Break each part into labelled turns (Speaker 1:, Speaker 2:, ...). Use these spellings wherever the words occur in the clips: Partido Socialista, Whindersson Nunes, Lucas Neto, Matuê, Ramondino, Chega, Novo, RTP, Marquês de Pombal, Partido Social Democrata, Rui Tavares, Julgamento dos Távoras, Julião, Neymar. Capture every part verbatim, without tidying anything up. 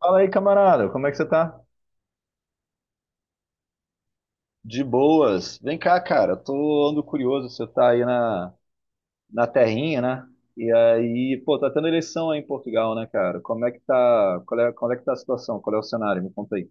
Speaker 1: Fala aí, camarada, como é que você tá? De boas. Vem cá, cara, tô ando curioso, você tá aí na, na terrinha, né? E aí, pô, tá tendo eleição aí em Portugal, né, cara? Como é que tá, qual é, qual é que tá a situação? Qual é o cenário? Me conta aí.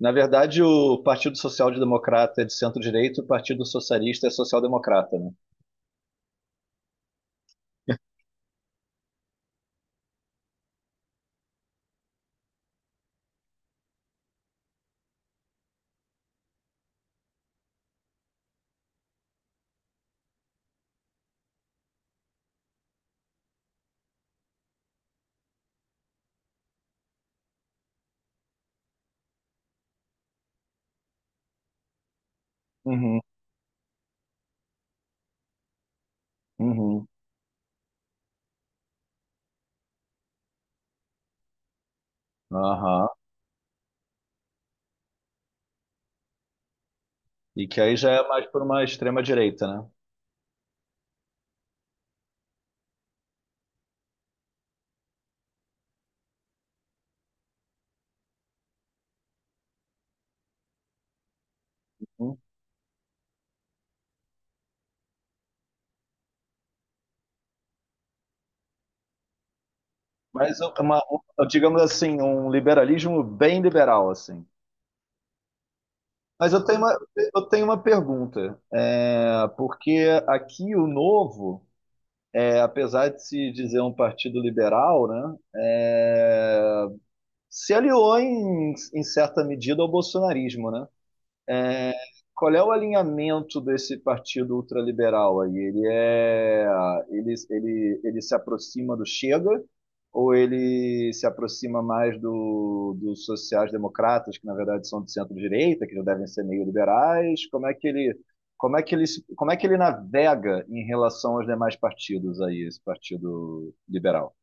Speaker 1: Na verdade, o Partido Social Democrata é de centro-direita, o Partido Socialista é social-democrata, né? Uhum, uhum. Aham. E que aí já é mais por uma extrema-direita, né? Hum. Mas uma, um- Digamos assim, um liberalismo bem liberal, assim. Mas eu tenho uma, eu tenho uma pergunta, é, porque aqui o Novo, é, apesar de se dizer um partido liberal, né, é, se aliou em, em certa medida ao bolsonarismo, né? É, qual é o alinhamento desse partido ultraliberal aí? Ele é, ele, ele, ele se aproxima do Chega ou ele se aproxima mais do, dos sociais-democratas, que na verdade são de centro-direita, que já devem ser meio liberais? Como é que ele, como é que ele, se- Como é que ele navega em relação aos demais partidos aí, esse partido liberal?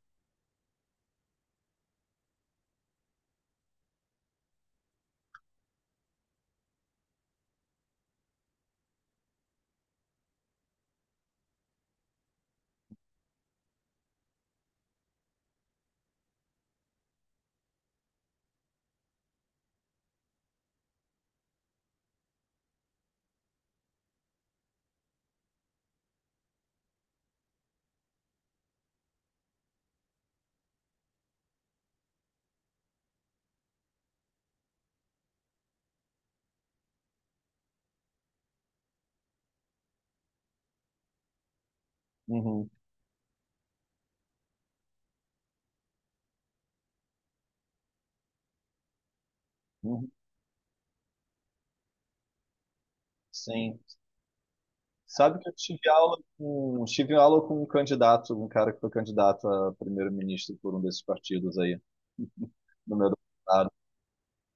Speaker 1: Uhum, uhum. Sim. Sabe que eu tive aula com, tive aula com um candidato, um cara que foi candidato a primeiro-ministro por um desses partidos aí, no meu doutorado.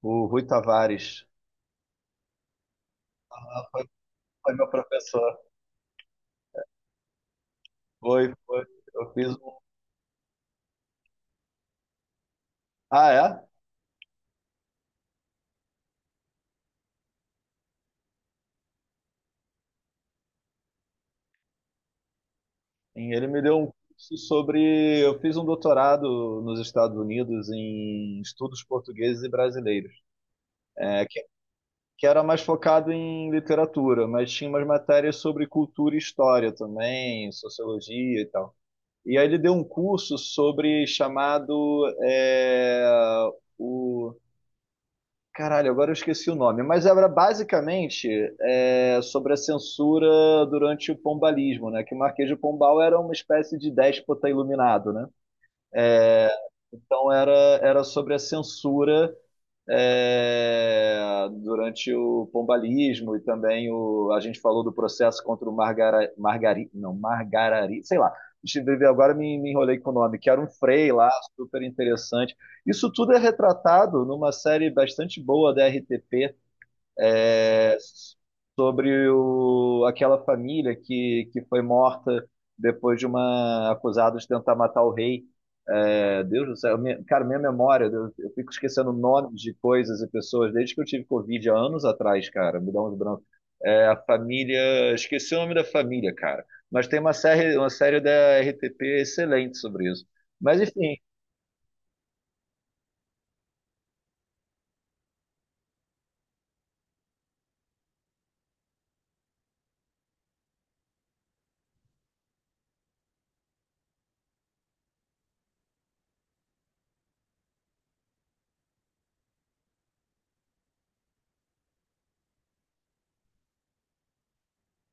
Speaker 1: O Rui Tavares. Ah, foi meu professor. Foi, foi. Eu fiz um... Ah, é? Sim, ele me deu um curso sobre... Eu fiz um doutorado nos Estados Unidos em estudos portugueses e brasileiros, que era mais focado em literatura, mas tinha umas matérias sobre cultura e história também, sociologia e tal. E aí ele deu um curso sobre chamado é, o caralho, agora eu esqueci o nome, mas era basicamente é, sobre a censura durante o pombalismo, né? Que o Marquês de Pombal era uma espécie de déspota iluminado, né? Então era, era sobre a censura é, durante o pombalismo e também o, a gente falou do processo contra o Margara, Margari, não, Margarari, sei lá. Agora me, me enrolei com o nome, que era um Frei lá, super interessante. Isso tudo é retratado numa série bastante boa da R T P, é, sobre o, aquela família que, que foi morta depois de uma acusada de tentar matar o rei. É, Deus do céu, minha- cara, minha memória, eu, eu fico esquecendo nomes de coisas e pessoas desde que eu tive Covid há anos atrás, cara, me dá uns brancos. É, a família, esqueci o nome da família, cara, mas tem uma série, uma série da R T P excelente sobre isso. Mas enfim,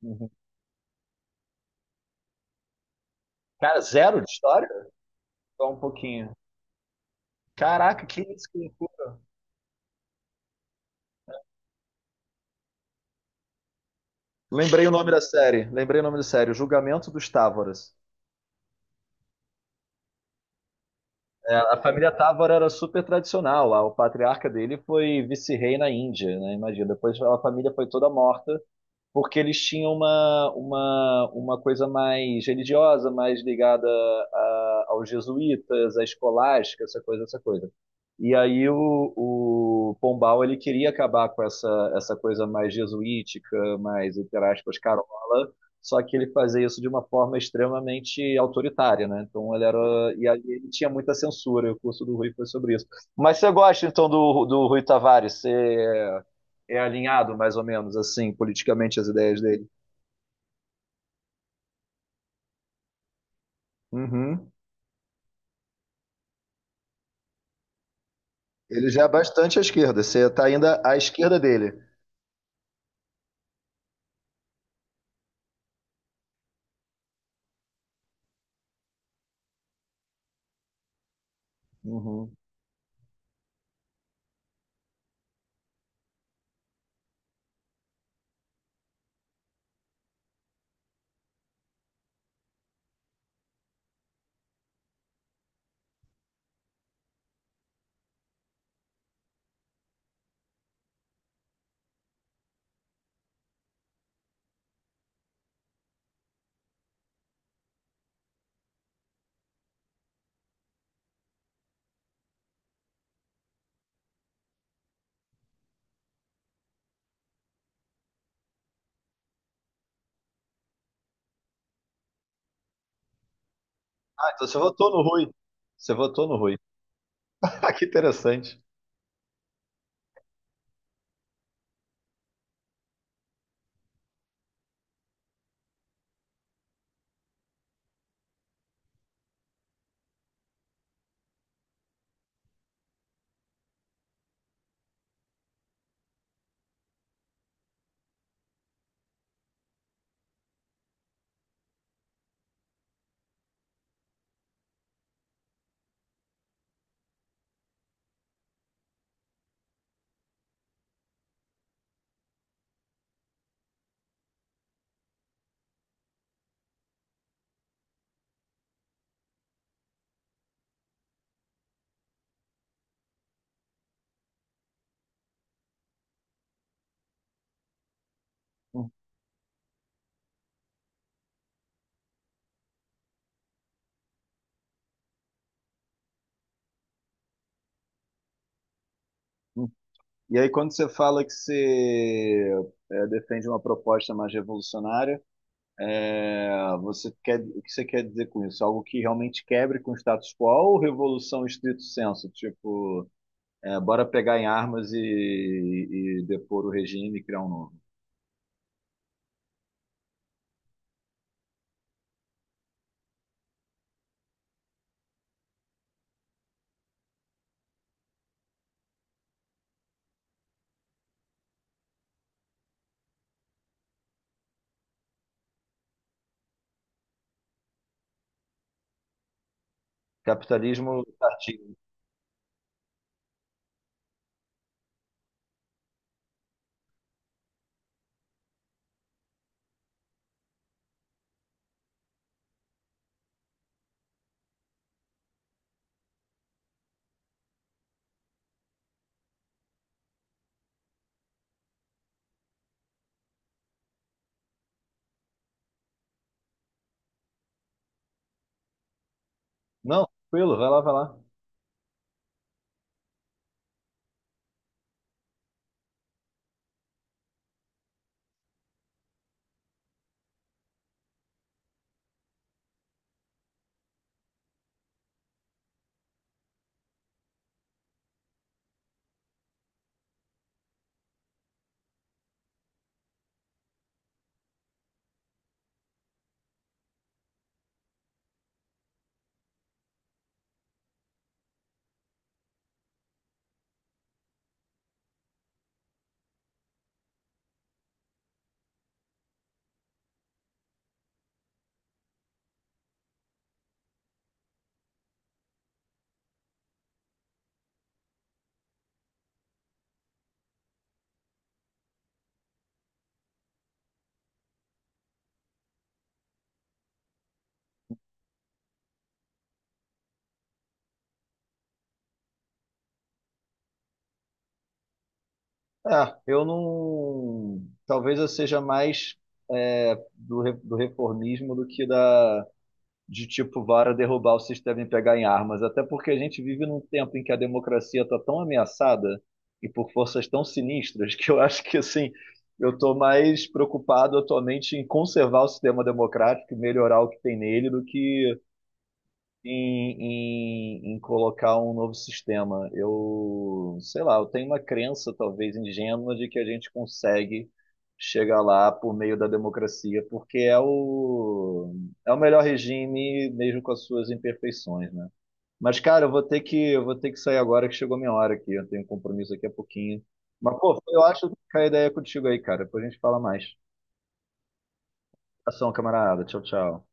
Speaker 1: uhum. Cara, zero de história? Só um pouquinho. Caraca, que isso, que lembrei o nome da série. Lembrei o nome da série. O Julgamento dos Távoras. É, a família Távora era super tradicional lá. O patriarca dele foi vice-rei na Índia, né? Imagina. Depois a família foi toda morta porque eles tinham uma, uma, uma coisa mais religiosa, mais ligada a- aos jesuítas, à escolástica, essa coisa, essa coisa. E aí o, o Pombal ele queria acabar com essa, essa coisa mais jesuítica, mais, entre aspas, carola, só que ele fazia isso de uma forma extremamente autoritária, né? Então ele era. E aí ele tinha muita censura, e o curso do Rui foi sobre isso. Mas você gosta então do, do Rui Tavares? Você é alinhado, mais ou menos, assim, politicamente, as ideias dele. Uhum. Ele já é bastante à esquerda. Você está ainda à esquerda dele. Uhum. Ah, então você votou no Rui. Você votou no Rui. Ah, que interessante. Uhum. E aí, quando você fala que você é, defende uma proposta mais revolucionária, é, você quer, o que você quer dizer com isso? Algo que realmente quebre com o status quo ou revolução estrito senso? Tipo, é, bora pegar em armas e, e depor o regime e criar um novo? Capitalismo tardio. Não, tranquilo, vai lá, vai lá. É, eu não. Talvez eu seja mais é, do, re- do reformismo do que da de tipo vara derrubar o sistema e pegar em armas. Até porque a gente vive num tempo em que a democracia está tão ameaçada e por forças tão sinistras que eu acho que assim eu estou mais preocupado atualmente em conservar o sistema democrático e melhorar o que tem nele do que em, em, em colocar um novo sistema. Eu, sei lá, eu tenho uma crença, talvez ingênua, de que a gente consegue chegar lá por meio da democracia, porque é o, é o melhor regime, mesmo com as suas imperfeições, né? Mas, cara, eu vou ter que, eu vou ter que sair agora, que chegou minha hora aqui. Eu tenho um compromisso daqui a pouquinho. Mas, pô, eu acho que a ideia é contigo aí, cara. Depois a gente fala mais. Ação, camarada. Tchau, tchau.